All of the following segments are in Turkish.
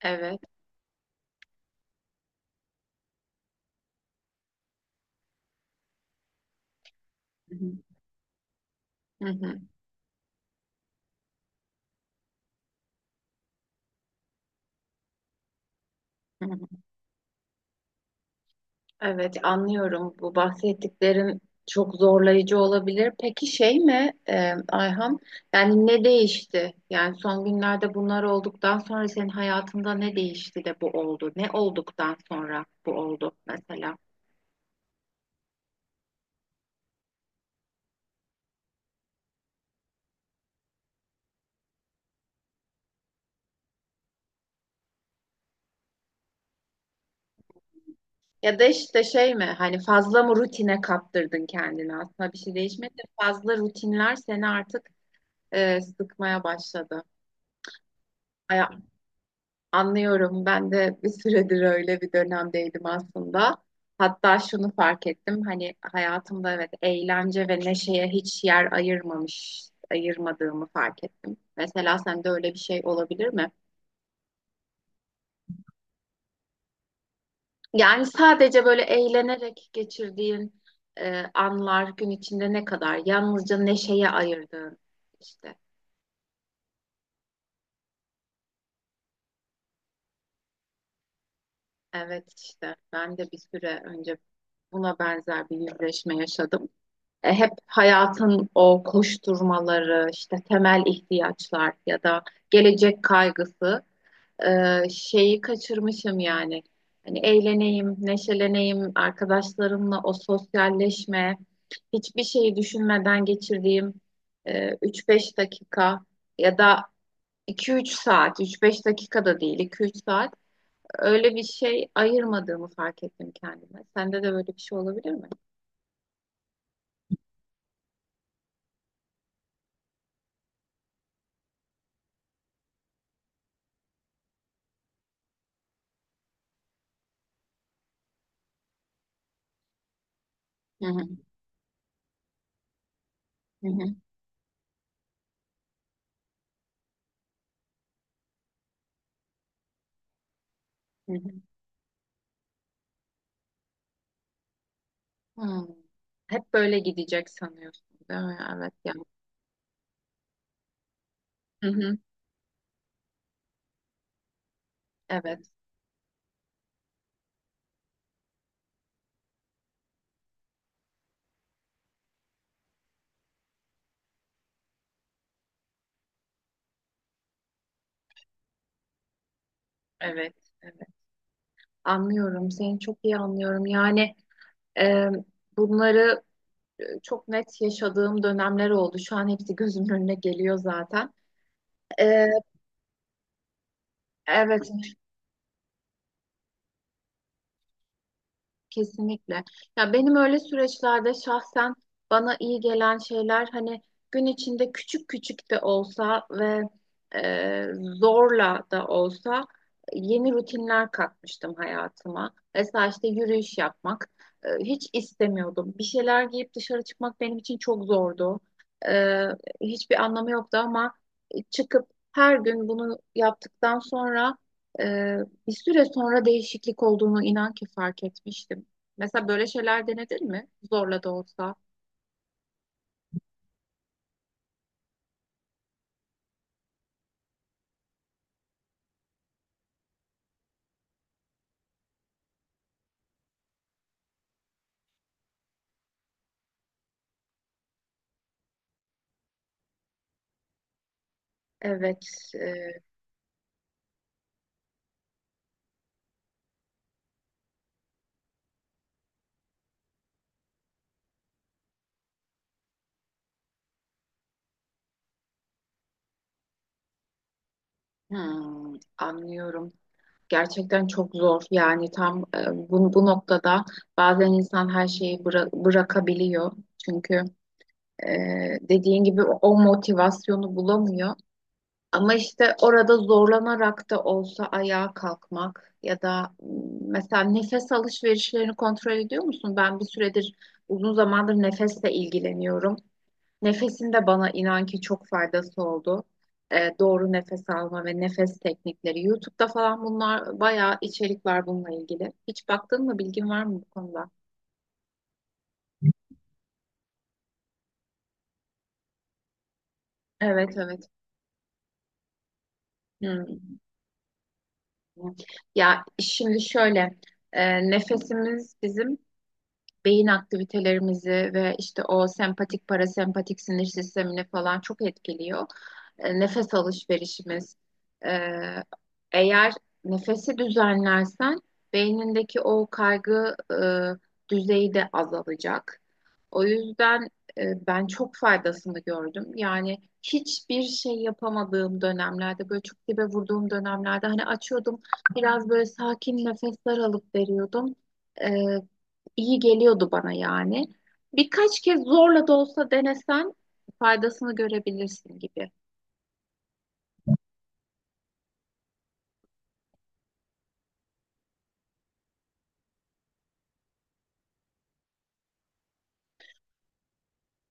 Evet. Hı hı. Hı hı. Hı hı. Evet, anlıyorum. Bu bahsettiklerin çok zorlayıcı olabilir. Peki şey mi Ayhan? Yani ne değişti? Yani son günlerde bunlar olduktan sonra senin hayatında ne değişti de bu oldu? Ne olduktan sonra bu oldu mesela? Ya da işte şey mi? Hani fazla mı rutine kaptırdın kendini? Aslında bir şey değişmedi de fazla rutinler seni artık sıkmaya başladı. Anlıyorum. Ben de bir süredir öyle bir dönemdeydim aslında. Hatta şunu fark ettim. Hani hayatımda evet eğlence ve neşeye hiç yer ayırmadığımı fark ettim. Mesela sende öyle bir şey olabilir mi? Yani sadece böyle eğlenerek geçirdiğin anlar gün içinde ne kadar? Yalnızca neşeye ayırdığın işte. Evet işte ben de bir süre önce buna benzer bir yüzleşme yaşadım. Hep hayatın o koşturmaları, işte temel ihtiyaçlar ya da gelecek kaygısı şeyi kaçırmışım yani. Hani eğleneyim, neşeleneyim, arkadaşlarımla o sosyalleşme, hiçbir şeyi düşünmeden geçirdiğim 3-5 dakika ya da iki üç saat, üç beş dakika da değil, iki üç saat öyle bir şey ayırmadığımı fark ettim kendime. Sende de böyle bir şey olabilir mi? Hı hı, hı hı, hı hı. Hmm. Hep böyle gidecek sanıyorsun, değil mi? Evet ya. Hı hı. Evet, evet, evet. Anlıyorum, seni çok iyi anlıyorum. Yani e, bunları çok net yaşadığım dönemler oldu. Şu an hepsi gözümün önüne geliyor zaten. E, evet, kesinlikle. Ya benim öyle süreçlerde şahsen bana iyi gelen şeyler hani gün içinde küçük küçük de olsa ve e, zorla da olsa yeni rutinler katmıştım hayatıma. Mesela işte yürüyüş yapmak hiç istemiyordum. Bir şeyler giyip dışarı çıkmak benim için çok zordu. E, Hiçbir anlamı yoktu ama çıkıp her gün bunu yaptıktan sonra e, bir süre sonra değişiklik olduğunu inan ki fark etmiştim. Mesela böyle şeyler denedin mi? Zorla da olsa. Evet, e, Anlıyorum. Gerçekten çok zor. Yani tam bu noktada bazen insan her şeyi bırakabiliyor. Çünkü e, dediğin gibi o motivasyonu bulamıyor. Ama işte orada zorlanarak da olsa ayağa kalkmak ya da mesela nefes alışverişlerini kontrol ediyor musun? Ben bir süredir uzun zamandır nefesle ilgileniyorum. Nefesin de bana inan ki çok faydası oldu. Doğru nefes alma ve nefes teknikleri. YouTube'da falan bunlar bayağı içerik var bununla ilgili. Hiç baktın mı? Bilgin var mı bu konuda? Evet, evet. Hmm. Ya şimdi şöyle, nefesimiz bizim beyin aktivitelerimizi ve işte o sempatik parasempatik sinir sistemini falan çok etkiliyor. Nefes alışverişimiz. E, Eğer nefesi düzenlersen beynindeki o kaygı düzeyi de azalacak. O yüzden ben çok faydasını gördüm. Yani hiçbir şey yapamadığım dönemlerde, böyle çok dibe vurduğum dönemlerde hani açıyordum, biraz böyle sakin nefesler alıp veriyordum. E, iyi geliyordu bana yani. Birkaç kez zorla da olsa denesen faydasını görebilirsin gibi.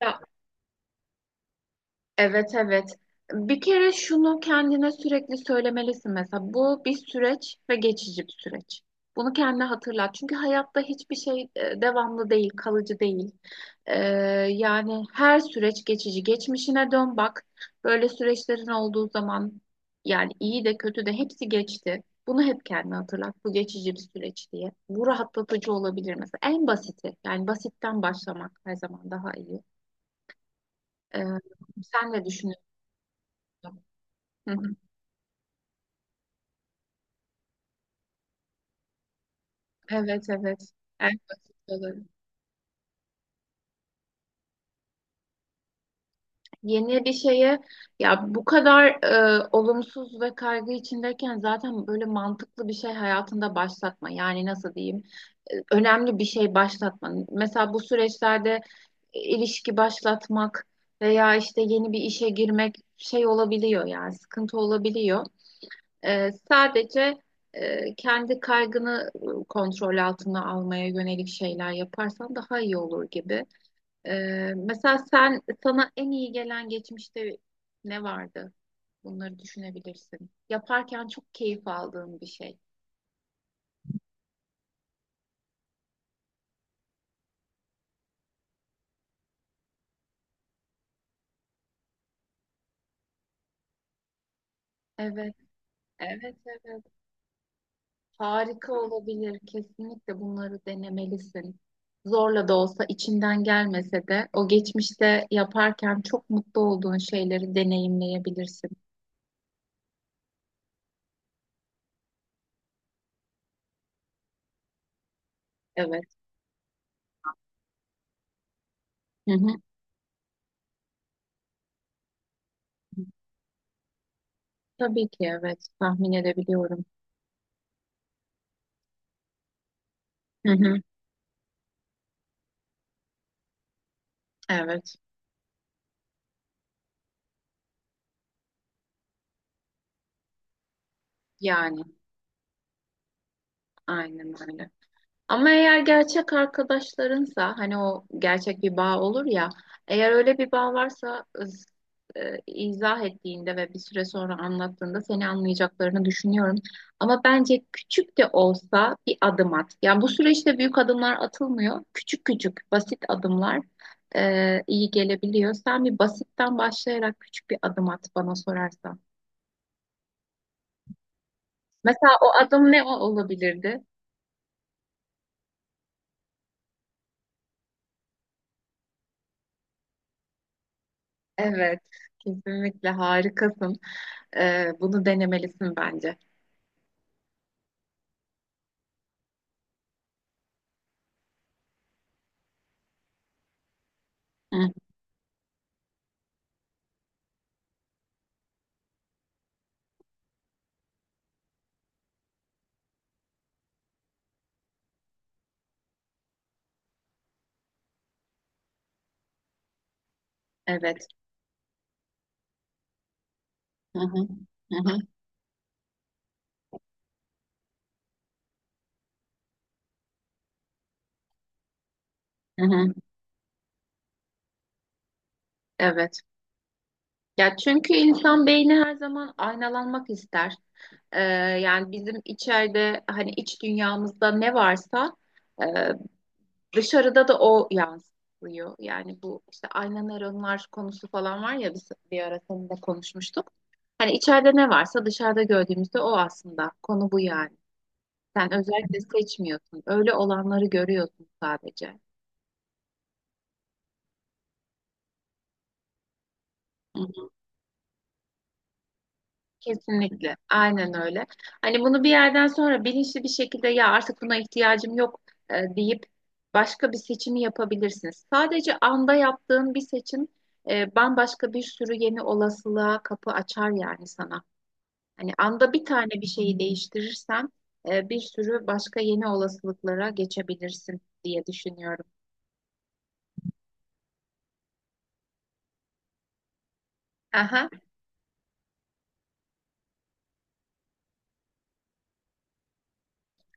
Ya, evet evet. Bir kere şunu kendine sürekli söylemelisin mesela. Bu bir süreç ve geçici bir süreç. Bunu kendine hatırlat. Çünkü hayatta hiçbir şey devamlı değil, kalıcı değil. Ee, Yani her süreç geçici. Geçmişine dön bak. Böyle süreçlerin olduğu zaman yani iyi de kötü de hepsi geçti. Bunu hep kendine hatırlat. Bu geçici bir süreç diye. Bu rahatlatıcı olabilir mesela. En basiti. Yani basitten başlamak her zaman daha iyi. Ee, Sen ne düşünüyorsun? Hı. Evet evet. En basit olanı. Yeni bir şeye ya bu kadar olumsuz ve kaygı içindeyken zaten böyle mantıklı bir şey hayatında başlatma. Yani nasıl diyeyim? Önemli bir şey başlatma. Mesela bu süreçlerde ilişki başlatmak veya işte yeni bir işe girmek şey olabiliyor yani sıkıntı olabiliyor. Sadece kendi kaygını kontrol altına almaya yönelik şeyler yaparsan daha iyi olur gibi. Mesela sen sana en iyi gelen geçmişte ne vardı? Bunları düşünebilirsin. Yaparken çok keyif aldığın bir şey. Evet, evet, evet. Harika olabilir. Kesinlikle bunları denemelisin. Zorla da olsa içinden gelmese de o geçmişte yaparken çok mutlu olduğun şeyleri deneyimleyebilirsin. Evet. Hı hı. Tabii ki evet. Tahmin edebiliyorum. Hı hı. Evet. Yani aynen öyle. Ama eğer gerçek arkadaşlarınsa hani o gerçek bir bağ olur ya eğer öyle bir bağ varsa izah ettiğinde ve bir süre sonra anlattığında seni anlayacaklarını düşünüyorum. Ama bence küçük de olsa bir adım at. Yani bu süreçte büyük adımlar atılmıyor. Küçük küçük basit adımlar iyi gelebiliyor. Sen bir basitten başlayarak küçük bir adım at bana sorarsan. Mesela o adım ne olabilirdi? Evet, kesinlikle harikasın. Bunu denemelisin bence. Hı, evet, hı hı hı hı. Hı hı. Evet. Ya çünkü insan beyni her zaman aynalanmak ister. Ee, Yani bizim içeride hani iç dünyamızda ne varsa e, dışarıda da o yansıyor. Yani bu işte ayna nöronlar konusu falan var ya biz bir ara seninle konuşmuştuk. Hani içeride ne varsa dışarıda gördüğümüzde o aslında. Konu bu yani. Sen özellikle seçmiyorsun. Öyle olanları görüyorsun sadece. Kesinlikle. Aynen öyle. Hani bunu bir yerden sonra bilinçli bir şekilde ya artık buna ihtiyacım yok deyip başka bir seçimi yapabilirsiniz. Sadece anda yaptığın bir seçim bambaşka bir sürü yeni olasılığa kapı açar yani sana. Hani anda bir tane bir şeyi değiştirirsen bir sürü başka yeni olasılıklara geçebilirsin diye düşünüyorum. Aha.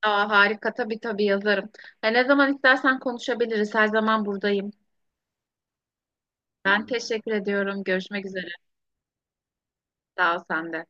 Aa, harika tabii tabii yazarım. Ne zaman istersen konuşabiliriz. Her zaman buradayım. Ben teşekkür ediyorum. Görüşmek üzere. Sağ ol sen de.